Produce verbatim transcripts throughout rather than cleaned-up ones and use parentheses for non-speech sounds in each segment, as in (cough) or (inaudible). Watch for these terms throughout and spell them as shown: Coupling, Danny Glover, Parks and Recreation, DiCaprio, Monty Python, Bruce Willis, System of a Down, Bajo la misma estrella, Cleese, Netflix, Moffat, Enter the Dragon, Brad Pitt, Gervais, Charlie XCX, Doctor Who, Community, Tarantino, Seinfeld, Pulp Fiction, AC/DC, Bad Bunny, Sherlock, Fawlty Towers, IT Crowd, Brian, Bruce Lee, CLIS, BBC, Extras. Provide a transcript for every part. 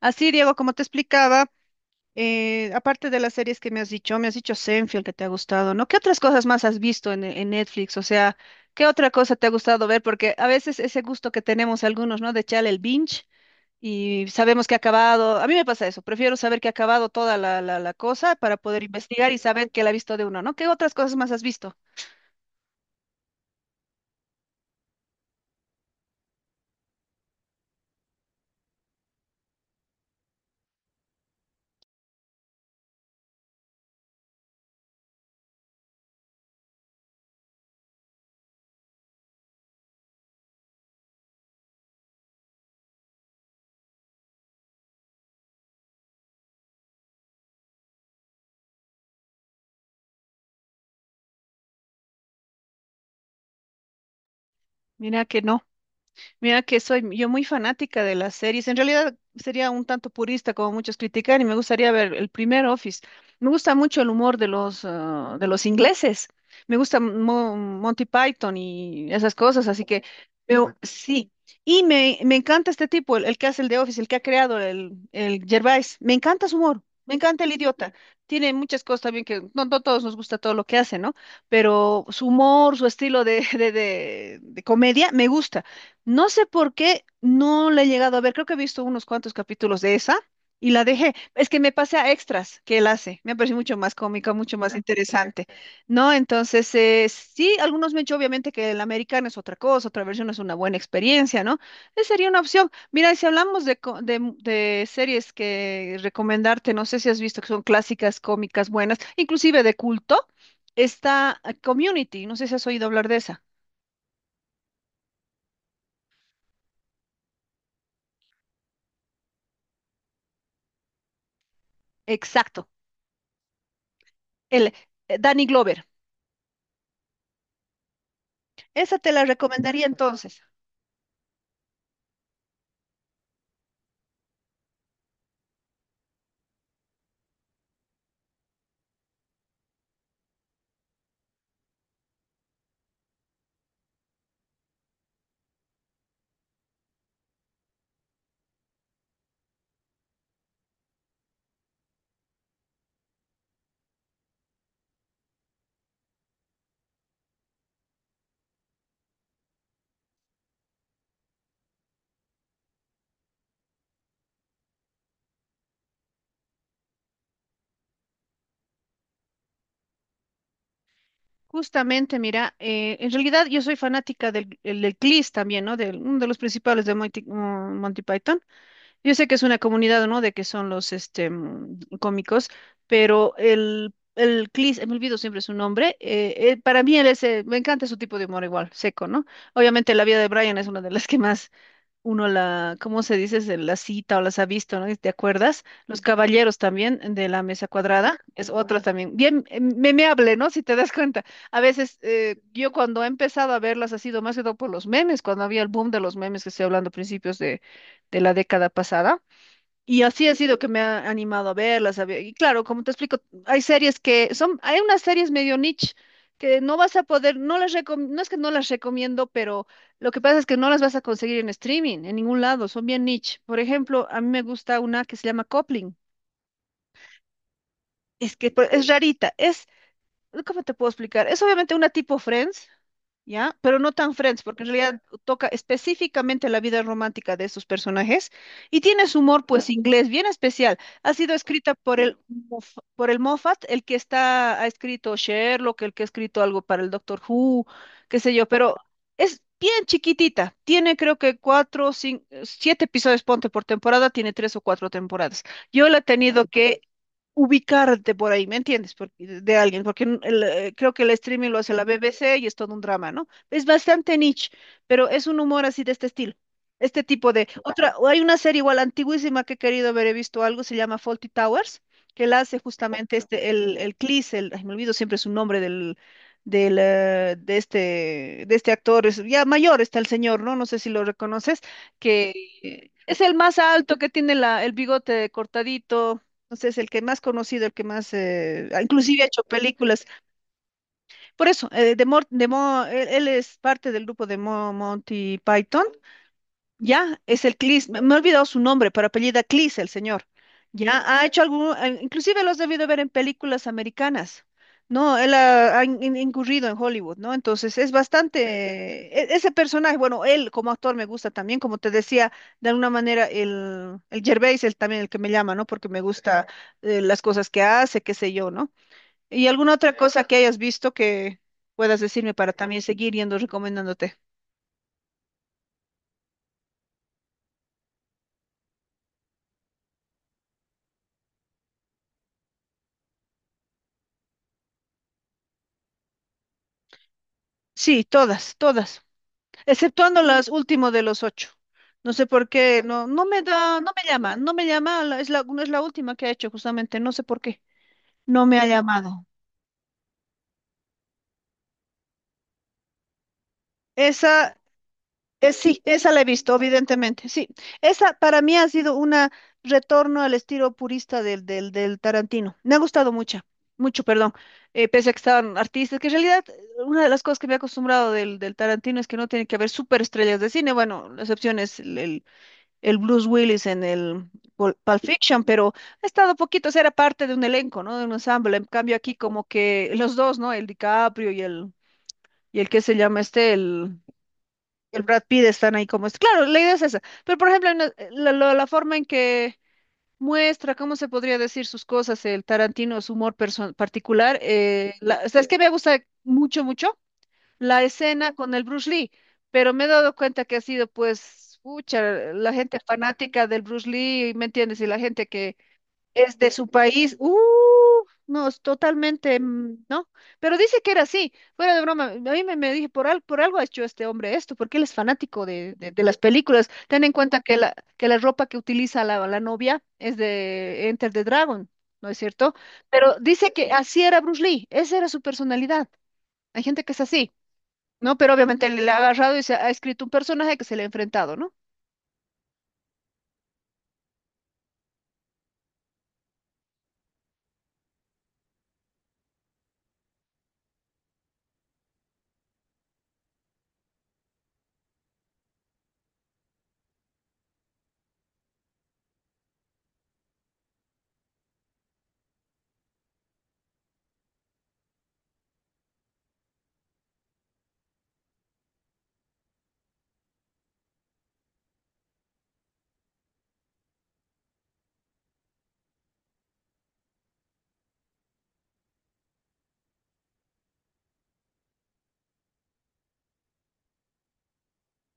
Así, Diego, como te explicaba, eh, aparte de las series que me has dicho, me has dicho Seinfeld que te ha gustado, ¿no? ¿Qué otras cosas más has visto en, en Netflix? O sea, ¿qué otra cosa te ha gustado ver? Porque a veces ese gusto que tenemos algunos, ¿no? De echarle el binge y sabemos que ha acabado. A mí me pasa eso, prefiero saber que ha acabado toda la, la, la cosa para poder investigar y saber que la ha visto de uno, ¿no? ¿Qué otras cosas más has visto? Mira que no. Mira que soy yo muy fanática de las series. En realidad sería un tanto purista como muchos critican y me gustaría ver el primer Office. Me gusta mucho el humor de los, ah, de los ingleses. Me gusta Mo- Monty Python y esas cosas, así que veo, sí. Y me, me encanta este tipo, el, el que hace el de Office, el que ha creado el, el Gervais. Me encanta su humor, me encanta el idiota. Tiene muchas cosas también que no, no todos nos gusta todo lo que hace, ¿no? Pero su humor, su estilo de, de de- de comedia, me gusta. No sé por qué no la he llegado a ver. Creo que he visto unos cuantos capítulos de esa y la dejé. Es que me pasé a extras que él hace. Me ha parecido mucho más cómica, mucho más interesante, ¿no? Entonces, eh, sí, algunos me han dicho obviamente que el americano es otra cosa, otra versión es una buena experiencia, ¿no? Esa sería una opción. Mira, y si hablamos de, co- de, mu- de series que recomendarte, no sé si has visto que son clásicas, cómicas, buenas, inclusive de culto, está eh, Community. No sé si has oído hablar de esa. Exacto. El eh, Danny Glover. Esa te la recomendaría entonces. Justamente, mira, eh, en realidad yo soy fanática del, el- del CLIS también, ¿no? De uno de los principales de Monty, mm, Monty Python. Yo sé que es una comunidad, ¿no? De que son los este, mm, cómicos, pero el, el CLIS, eh, me olvido siempre su nombre, eh, eh, para mí él es, eh, me encanta su tipo de humor igual, seco, ¿no? Obviamente la vida de Brian es una de las que más uno la, ¿cómo se dice? Se La cita o las ha visto, ¿no? ¿Te acuerdas? Los caballeros también eh, de la mesa cuadrada, es otra también, bien eh, memeable, ¿no? Si te das cuenta. A veces eh, yo cuando he empezado a verlas ha sido más que todo por los memes, cuando había el boom de los memes que estoy hablando a principios de, de la década pasada. Y así ha sido que me ha animado a verlas. a ver- Y claro, como te explico, hay series que son, hay unas series medio niche que no vas a poder, no las recom- no es que no las recomiendo, pero lo que pasa es que no las vas a conseguir en streaming, en ningún lado, son bien niche. Por ejemplo, a mí me gusta una que se llama Coupling. Es que pues, es rarita, es ¿Cómo te puedo explicar? Es obviamente una tipo Friends, ¿ya? Pero no tan Friends, porque en realidad toca específicamente la vida romántica de estos personajes y tiene su humor, pues, inglés bien especial. Ha sido escrita por el, Moff- por el Moffat, el que está, ha escrito Sherlock, el que ha escrito algo para el Doctor Who, qué sé yo, pero es bien chiquitita. Tiene creo que cuatro, cinco, siete episodios, ponte por temporada, tiene tres o cuatro temporadas. Yo la he tenido que ubicarte por ahí, ¿me entiendes? Porque, de alguien, porque n- el, eh, creo que el streaming lo hace la B B C y es todo un drama, ¿no? Es bastante niche, pero es un humor así de este estilo. Este tipo de otra, o hay una serie igual antiguísima que he querido haber he visto algo, se llama Fawlty Towers, que la hace justamente este, el, el Cleese, el, ay, me olvido siempre su nombre del, del, eh, de este, de este actor, es, ya mayor está el señor, ¿no? No sé si lo reconoces, que es el más alto, que tiene la, el bigote cortadito, entonces, el que más conocido, el que más, eh, ah, inclusive ha hecho películas. Por eso, eh, de Mor- de Mo- él, él es parte del grupo de Mo- Monty Python. Ya, es el Clis, me, me he olvidado su nombre, pero apellida Clis, el señor. Ya ha hecho algún, eh, inclusive lo has debido ver en películas americanas. No, él ha, ha in- in- incurrido en Hollywood, ¿no? Entonces es bastante, e- ese personaje, bueno, él como actor me gusta también, como te decía, de alguna manera el, el Gervais, él también el que me llama, ¿no? Porque me gusta eh, las cosas que hace, qué sé yo, ¿no? ¿Y alguna otra cosa que hayas visto que puedas decirme para también seguir yendo recomendándote? Sí, todas, todas. Exceptuando las último de los ocho. No sé por qué, no, no me da, no me llama, no me llama, la- es la, no es la última que ha hecho justamente, no sé por qué, no me ha llamado. Esa, eh, sí, esa la he visto, evidentemente, sí. Esa para mí ha sido un retorno al estilo purista del, del, del Tarantino. Me ha gustado mucho, mucho, perdón, eh, pese a que estaban artistas, que en realidad eh, una de las cosas que me he acostumbrado del, del Tarantino es que no tiene que haber superestrellas de cine, bueno, la excepción es el, el el Bruce Willis en el Pul- Pulp Fiction, pero ha estado poquito, o sea, era parte de un elenco, ¿no? De un ensamble. En cambio aquí como que los dos, ¿no? El DiCaprio y el, y el que se llama este, el, el Brad Pitt están ahí como este. Claro, la idea es esa. Pero por ejemplo, en la, la- la- la forma en que muestra, ¿cómo se podría decir sus cosas? El Tarantino, su humor perso- particular. Eh, la- ¿sabes qué me gusta mucho, mucho? La escena con el Bruce Lee, pero me he dado cuenta que ha sido pues, pucha, la gente fanática del Bruce Lee, ¿me entiendes? Y la gente que es de su país, uh, no, es totalmente, mm, ¿no? Pero dice que era así, fuera de broma, a mí me, me dije, por, al- por algo ha hecho este hombre esto, porque él es fanático de, de- de las películas. Ten en cuenta que la, que la ropa que utiliza la, la novia es de Enter the Dragon. ¿No es cierto? Pero dice que así era Bruce Lee, esa era su personalidad. Hay gente que es así. No, pero obviamente le ha agarrado y se ha escrito un personaje que se le ha enfrentado, ¿no?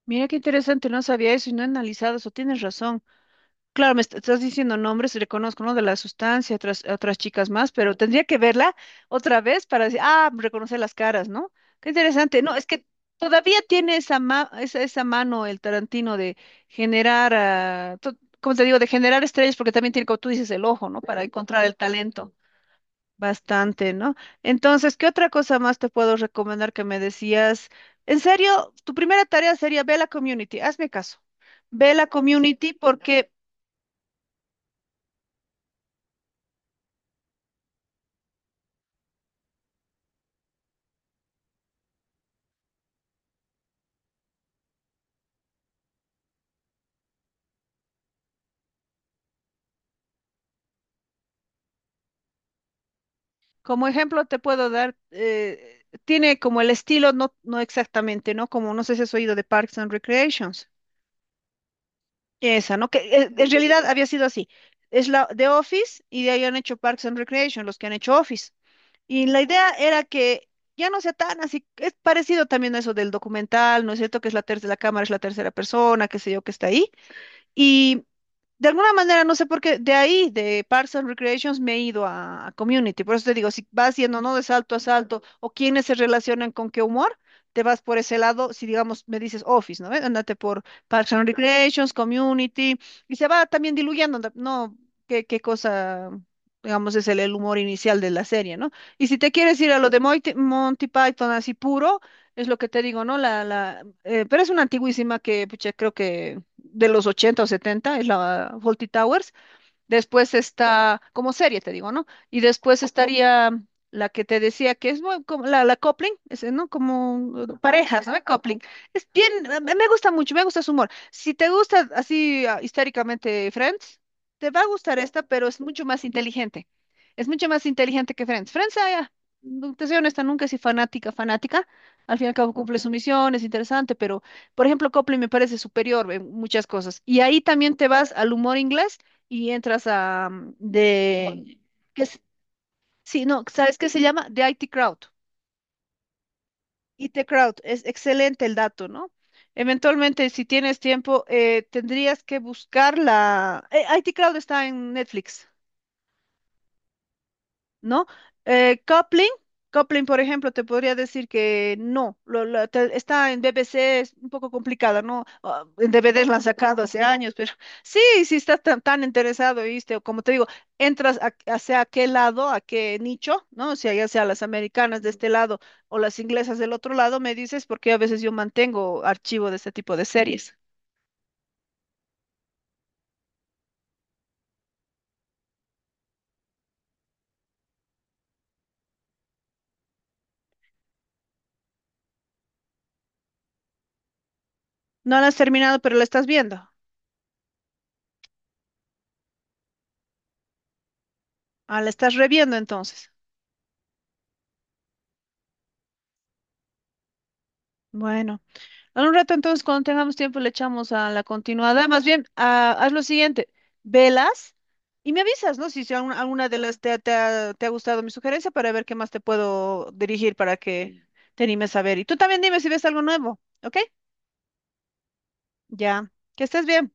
Mira qué interesante, no sabía eso y no he analizado eso, tienes razón. Claro, me est- estás diciendo nombres, reconozco, ¿no? De la sustancia, otras, otras chicas más, pero tendría que verla otra vez para decir, ah, reconocer las caras, ¿no? Qué interesante. No, es que todavía tiene esa, ma- esa, esa mano el Tarantino de generar, ah, to- como te digo, de generar estrellas, porque también tiene, como tú dices, el ojo, ¿no? Para encontrar el talento. Bastante, ¿no? Entonces, ¿qué otra cosa más te puedo recomendar que me decías? En serio, tu primera tarea sería ve a la community, hazme caso. Ve a la community porque, como ejemplo, te puedo dar, eh, tiene como el estilo, no, no exactamente, ¿no? Como no sé si has oído de Parks and Recreations. Esa, ¿no? Que eh, en realidad había sido así. Es la de Office y de ahí han hecho Parks and Recreation, los que han hecho Office. Y la idea era que ya no sea tan así, es parecido también a eso del documental, ¿no es cierto? Que es la tercera, la cámara es la tercera persona, qué sé yo, que está ahí, y de alguna manera, no sé por qué, de ahí, de Parks and Recreations, me he ido a, a Community. Por eso te digo, si vas yendo, ¿no? De salto a salto, o quienes se relacionan con qué humor, te vas por ese lado. Si, digamos, me dices Office, ¿no? ¿Ve? Ándate por Parks and Recreations, Community, y se va también diluyendo, ¿no? No, ¿qué, qué cosa, digamos, es el, el humor inicial de la serie, ¿no? Y si te quieres ir a lo de Moite- Monty Python así puro, es lo que te digo, ¿no? La, la, eh, pero es una antiguísima que, pucha, creo que de los ochenta o setenta es la Fawlty Towers. Después está, como serie te digo, ¿no? Y después estaría la que te decía que es muy como la, la coupling, ese, ¿no? Como eh, parejas, ¿no? Coupling. Es bien, eh, me me gusta mucho, me gusta su humor. Si te gusta así ah, históricamente Friends, te va a gustar esta, pero es mucho más inteligente. Es mucho más inteligente que Friends. Friends, ah, ya, no, te soy honesta, nunca soy fanática, fanática. Al fin y al cabo cumple su misión, es interesante, pero, por ejemplo, Coupling me parece superior en muchas cosas. Y ahí también te vas al humor inglés y entras a mm, de que es- sí, no, ¿sabes qué se llama? De I T Crowd. I T Crowd, es excelente el dato, ¿no? Eventualmente, si tienes tiempo, eh, tendrías que buscar la eh, I T Crowd está en Netflix. ¿No? Eh, coupling, coupling, por ejemplo, te podría decir que no, lo- lo- te- está en B B C, es un poco complicada, ¿no? Ah, en D V Ds la han sacado hace años, pero (laughs) sí, si estás tan, tan interesado, ¿viste? O como te digo, entras a- hacia qué lado, a qué nicho, ¿no? O sea, ya sea las americanas de este lado o las inglesas del otro lado, me dices, porque a veces yo mantengo archivo de este tipo de series. No la has terminado, pero la estás viendo. Ah, la estás reviendo entonces. Bueno. En un rato, entonces, cuando tengamos tiempo, le echamos a la continuada. Más bien, ah, haz lo siguiente, velas y me avisas, ¿no? Si, si alguna, alguna de las te, ha- te ha te ha gustado mi sugerencia para ver qué más te puedo dirigir para que te animes a ver. Y tú también dime si ves algo nuevo, ¿ok? Ya, que estés bien.